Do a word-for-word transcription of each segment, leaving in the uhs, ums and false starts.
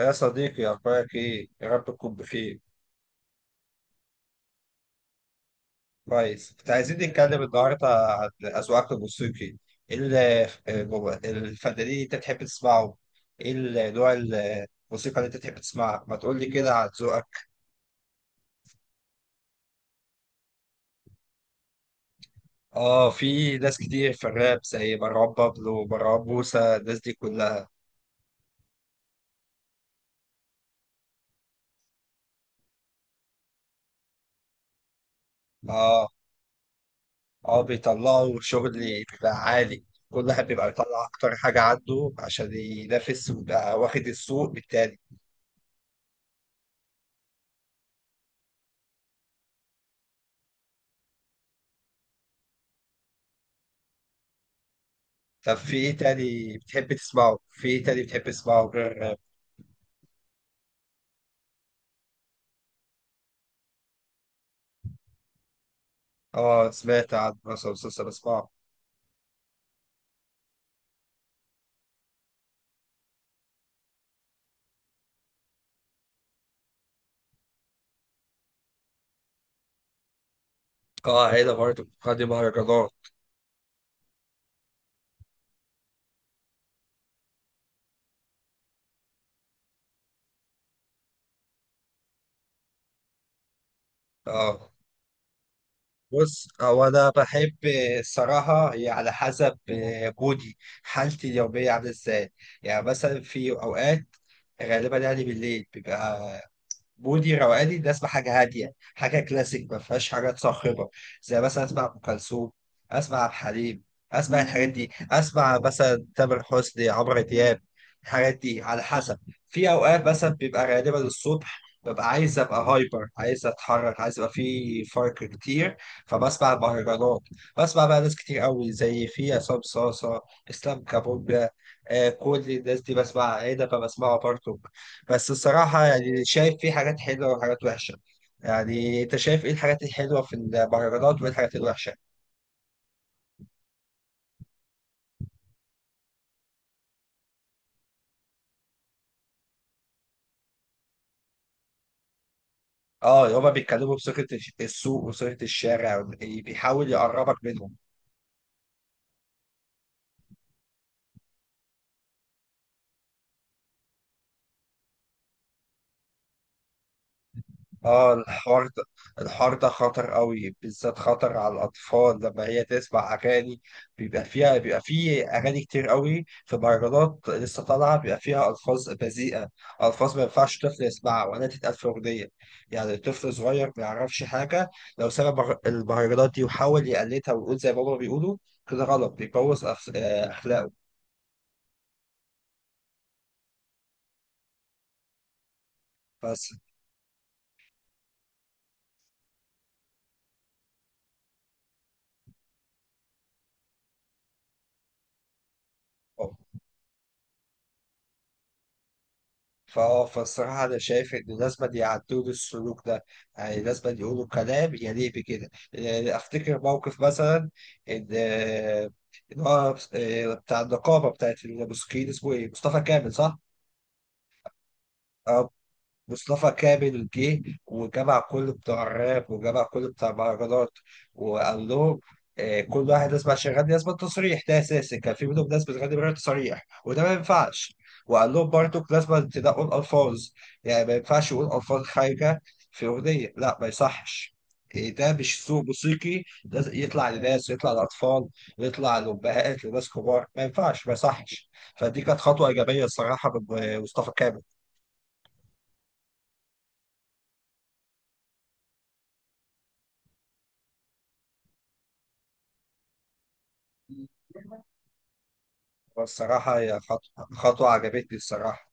يا صديقي، أخبارك إيه؟ يا رب تكون بخير. كويس. كنت عايزين نتكلم النهاردة عن أذواقك الموسيقي. إيه ال- الفنانين اللي أنت تحب تسمعه؟ إيه ال- نوع الموسيقى اللي أنت تحب تسمعها؟ ما تقول لي كده عن ذوقك. آه، في ناس كتير في الراب زي مروان بابلو، ومروان موسى، الناس دي كلها. آه آه، بيطلعوا شغل بيبقى عالي. كل واحد بيبقى بيطلع أكتر حاجة عنده عشان ينافس ويبقى واخد السوق بالتاني. طب في ايه تاني بتحب تسمعه؟ في ايه تاني بتحب تسمعه غير الراب؟ اه، سمعت عن مثلا مسلسل اسمعه. اه، هنا برضه قادم مهرجانات. اه، بص، هو انا بحب، الصراحه هي على حسب، آه، مودي حالتي اليوميه عامله ازاي. يعني مثلا في اوقات، غالبا يعني بالليل، بيبقى مودي روقاني، ده اسمع حاجه هاديه، حاجه كلاسيك ما فيهاش حاجات صاخبه، زي مثلا اسمع ام كلثوم، اسمع عبد الحليم، اسمع الحاجات دي، اسمع مثلا تامر حسني، عمرو دياب، الحاجات دي على حسب. في اوقات مثلا بيبقى غالبا الصبح، ببقى عايز ابقى هايبر، عايز اتحرك، عايز يبقى في فرق كتير، فبسمع مهرجانات، بسمع بقى ناس كتير قوي، زي في عصام صاصا، اسلام كابونجا. آه، كل الناس دي بسمع، عنبه بسمعها برضه. بس الصراحة يعني شايف فيه حاجات حلوة وحاجات وحشة. يعني انت شايف ايه الحاجات الحلوة في المهرجانات وايه الحاجات الوحشة؟ اه، هما بيتكلموا بصيغة الش- السوق وصيغة الشارع، بي- بيحاول يقربك منهم. اه، الحوار ده، الحوار ده خطر قوي، بالذات خطر على الاطفال، لما هي تسمع اغاني بيبقى فيها، بيبقى فيه اغاني كتير قوي في مهرجانات لسه طالعه بيبقى فيها الفاظ بذيئه، الفاظ ما ينفعش طفل يسمعها ولا تتقال في اغنيه. يعني طفل صغير ما يعرفش حاجه، لو سمع مهر- المهرجانات دي وحاول يقلدها ويقول زي ما هما بيقولوا، كده غلط، بيبوظ أخ- آه، اخلاقه. بس فاه فالصراحة أنا شايف إن لازم يعدلوا السلوك ده، يعني لازم يقولوا كلام يليق بكده. يعني أفتكر موقف مثلا إن إن هو إيه، بتاع النقابة بتاعت المسكين اسمه إيه؟ مصطفى كامل صح؟ مصطفى كامل جه وجمع كل بتوع الراب وجمع كل بتوع المهرجانات وقال لهم آه، كل واحد لازم عشان يغني لازم التصريح ده اساسي، كان في منهم ناس بتغني من غير تصريح وده ما ينفعش. وقال لهم برضه لازم تنقوا الالفاظ، يعني ما ينفعش يقول الفاظ خارجه في اغنيه، لا ما يصحش. إيه ده، مش سوق موسيقي لازم يطلع لناس، يطلع لأطفال، يطلع لأمهات، لناس كبار، ما ينفعش، ما يصحش. فدي كانت خطوة إيجابية الصراحة من آه، مصطفى كامل. والصراحة هي خطوة، خطوة عجبتني الصراحة.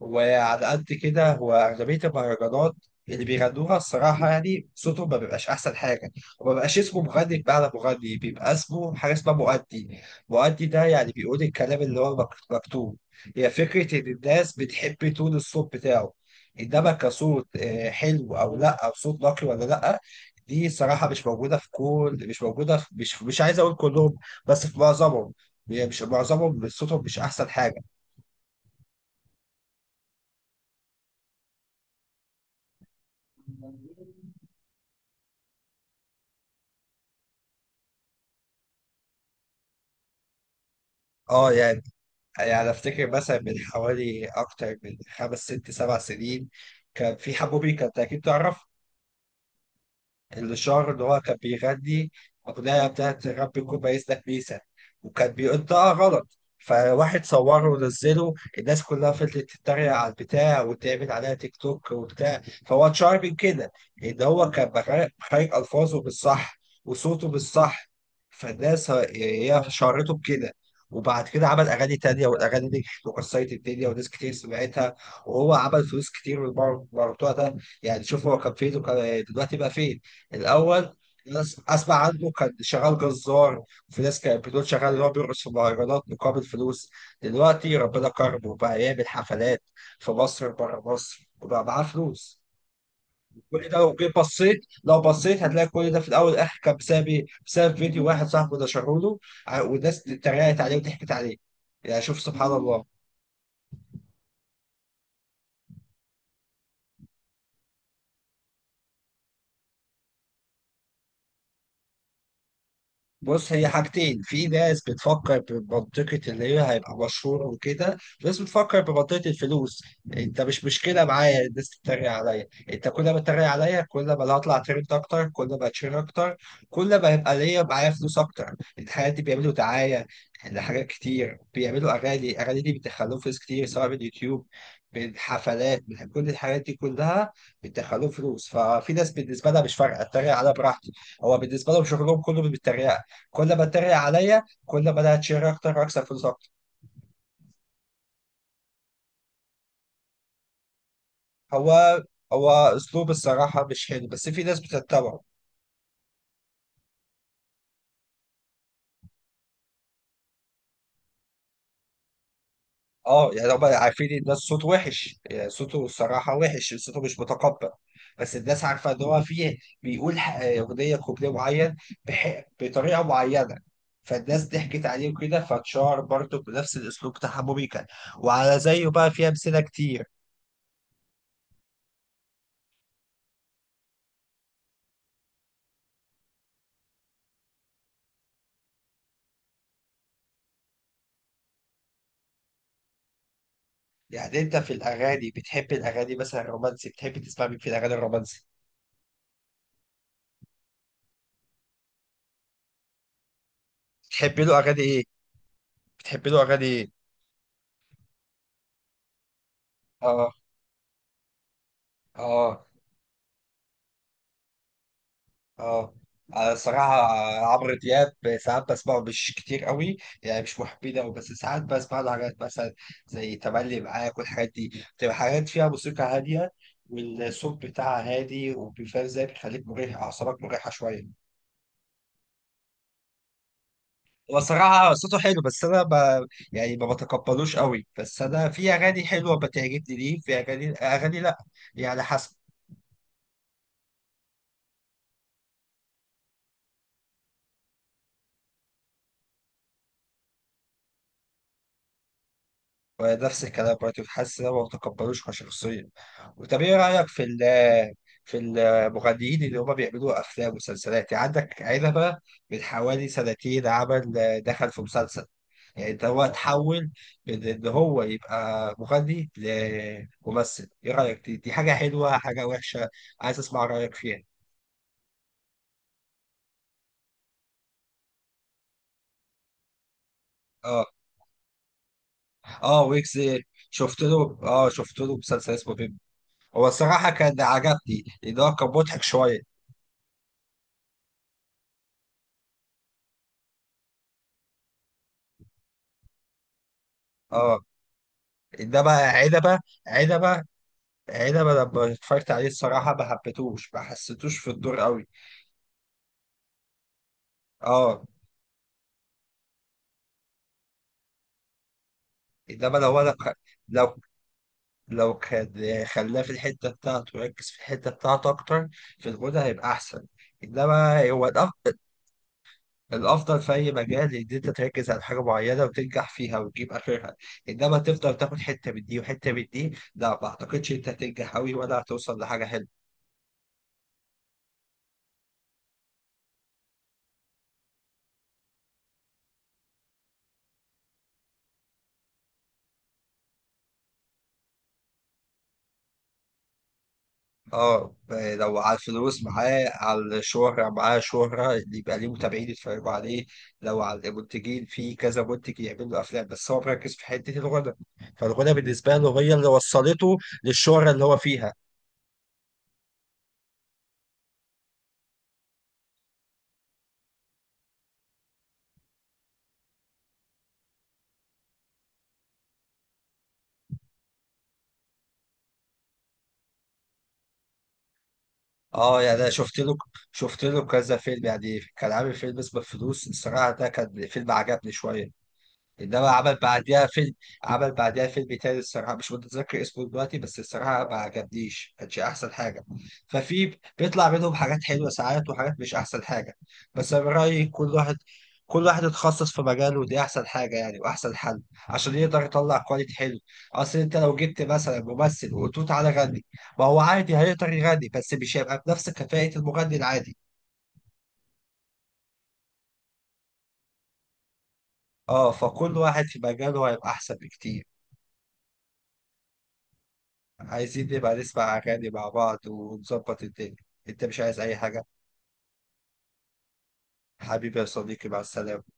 وعلى قد كده، هو أغلبية المهرجانات اللي بيغنوها الصراحة يعني صوتهم ما بيبقاش أحسن حاجة، وما بيبقاش اسمه مغني، بمعنى مغني بيبقى اسمه حاجة اسمها مؤدي. مؤدي ده يعني بيقول الكلام اللي هو مك- مكتوب. هي فكرة إن الناس بتحب تون الصوت بتاعه، إنما كصوت آه، حلو أو لأ، أو صوت نقي ولا لأ. دي صراحة مش موجودة في كل مش موجودة في مش مش عايز أقول كلهم، بس في معظمهم. يعني مش معظمهم صوتهم مش أحسن حاجة. اه. يعني يعني افتكر مثلا من حوالي اكتر من خمس ست سبع سنين، كان في حبوبي، كانت اكيد تعرف الشعر اللي هو كان بيغني أغنية بتاعت رب يكون بايسلك بيسا، وكان بينطقها غلط، فواحد صوره ونزله، الناس كلها فضلت تتريق على البتاع، وتعمل عليها تيك توك وبتاع. فهو اتشهر من كده، إن هو كان بخارج بخارج ألفاظه بالصح، وصوته بالصح. فالناس ه- هي شهرته بكده. وبعد كده عمل أغاني تانية، والأغاني دي وكسرت الدنيا وناس كتير سمعتها، وهو عمل فلوس كتير من الموضوع ده. يعني شوف، هو كان فين وكان دلوقتي بقى فين. الاول، ناس اسمع عنه كان شغال جزار، وفي ناس كانت بتقول شغال اللي هو بيرقص في مهرجانات مقابل فلوس. دلوقتي ربنا كرمه وبقى يعمل حفلات في مصر، بره مصر، وبقى معاه فلوس. كل ده لو جيت بصيت، لو بصيت هتلاقي كل ده في الاول والاخر كان بسبب إيه؟ بسبب فيديو واحد صاحبه نشره له، ع- والناس اتريقت عليه وضحكت عليه. يعني شوف سبحان الله. بص، هي حاجتين، في ناس بتفكر بمنطقة اللي هي هيبقى مشهور وكده، في ناس بتفكر بمنطقة الفلوس. انت مش مشكلة معايا الناس تتريق عليا، انت كل ما تتريق عليا، كل ما انا هطلع ترند اكتر، كل ما اتشير اكتر، كل ما هيبقى ليا، معايا فلوس اكتر. الحاجات دي بيعملوا دعاية لحاجات كتير، بيعملوا اغاني، الاغاني دي بيدخلوا فلوس كتير، سواء من يوتيوب، من حفلات، من كل الحاجات دي كلها بيدخلوا فلوس. ففي ناس بالنسبة لها مش فارقة، اتريق عليها براحتي، هو بالنسبة لهم شغلهم كله بالتريقة. كل ما اتريق عليا، كل ما انا هتشير اكتر واكسب فلوس اكتر. هو هو اسلوب الصراحه مش حلو، بس في ناس بتتبعه. اه، يعني هم عارفين ان ده الصوت وحش، يعني صوته الصراحه وحش، صوته مش متقبل. بس الناس عارفه ان هو فيه، بيقول ح- اغنيه، كوبليه معين بح... بطريقه معينه، فالناس ضحكت عليه وكده، فاتشهر برضه بنفس الاسلوب بتاع موبيكا. وعلى زيه بقى في امثله كتير. يعني انت في الاغاني، بتحب الاغاني مثلا الرومانسي، بتحب تسمع مين في الاغاني الرومانسي؟ تحبي له اغاني ايه؟ بتحبي له اغاني ايه؟ اه. اه. اه. آه، صراحة عمرو دياب، ساعات بسمعه مش كتير قوي، يعني مش محبين قوي، بس ساعات بسمع له حاجات مثلا زي تملي معاك، والحاجات دي بتبقى حاجات فيها موسيقى هادية، والصوت بتاعها هادي، وبيفهم ازاي بيخليك مريح، أعصابك مريحة شوية. هو صراحة صوته حلو، بس أنا ب... يعني ما بتقبلوش قوي، بس أنا في أغاني حلوة بتعجبني، ليه في أغاني، أغاني لأ، يعني حسب. ونفس الكلام برضه، حاسس ان هم ما تقبلوش كشخصية. وطب ايه رأيك في ال، في المغنيين اللي هم بيعملوا أفلام ومسلسلات؟ يعني عندك عنبة، من حوالي سنتين عمل، دخل في مسلسل. يعني ده هو اتحول من إن هو يبقى مغني لممثل، إيه رأيك، دي، دي حاجة حلوة حاجة وحشة؟ عايز أسمع رأيك فيها. اه. اه، ويجز. شفت له اه شفت له مسلسل اسمه بيب. هو الصراحة كان عجبني، لأن هو كان مضحك شوية. اه، ده بقى عدبة عدبة عدبة لما اتفرجت عليه الصراحة ما حبيتهوش، ما حسيتوش في الدور قوي. اه. انما لو انا لو لو كان، خلاه في الحتة بتاعته، ركز في الحتة بتاعته أكتر في الغنى، هيبقى أحسن. إنما هو الأفضل، الأفضل في أي مجال إن أنت تركز على حاجة معينة وتنجح فيها وتجيب آخرها. إنما تفضل تاخد حتة من دي وحتة من دي، لا، ما أعتقدش أنت هتنجح أوي ولا هتوصل لحاجة حلوة. اه، لو على الفلوس معاه، على الشهرة معاه شهرة اللي يبقى ليه متابعين يتفرجوا عليه، لو على المنتجين في كذا منتج يعملوا أفلام، بس هو مركز في حتة الغنى، فالغنى بالنسبة له هي اللي وصلته للشهرة اللي هو فيها. اه، يعني انا شفت له شفت له كذا فيلم، يعني كان عامل فيلم اسمه الفلوس، الصراحة ده كان فيلم عجبني شوية. انما عمل بعديها فيلم، عمل بعديها فيلم تاني الصراحه مش متذكر اسمه دلوقتي، بس الصراحه ما عجبنيش، كانش احسن حاجه. ففي بيطلع منهم حاجات حلوه ساعات، وحاجات مش احسن حاجه. بس انا من رايي كل واحد كل واحد يتخصص في مجاله، ودي احسن حاجه يعني، واحسن حل عشان يقدر يطلع كواليتي حلو. اصل انت لو جبت مثلا ممثل وقلت له تعالى غني، ما هو عادي هيقدر يغني، بس مش هيبقى بنفس كفاءه المغني العادي. اه، فكل واحد في مجاله هيبقى احسن بكتير. عايزين نبقى نسمع أغاني مع بعض ونظبط الدنيا. أنت مش عايز أي حاجة؟ حبيبي يا صديقي، مع السلامة.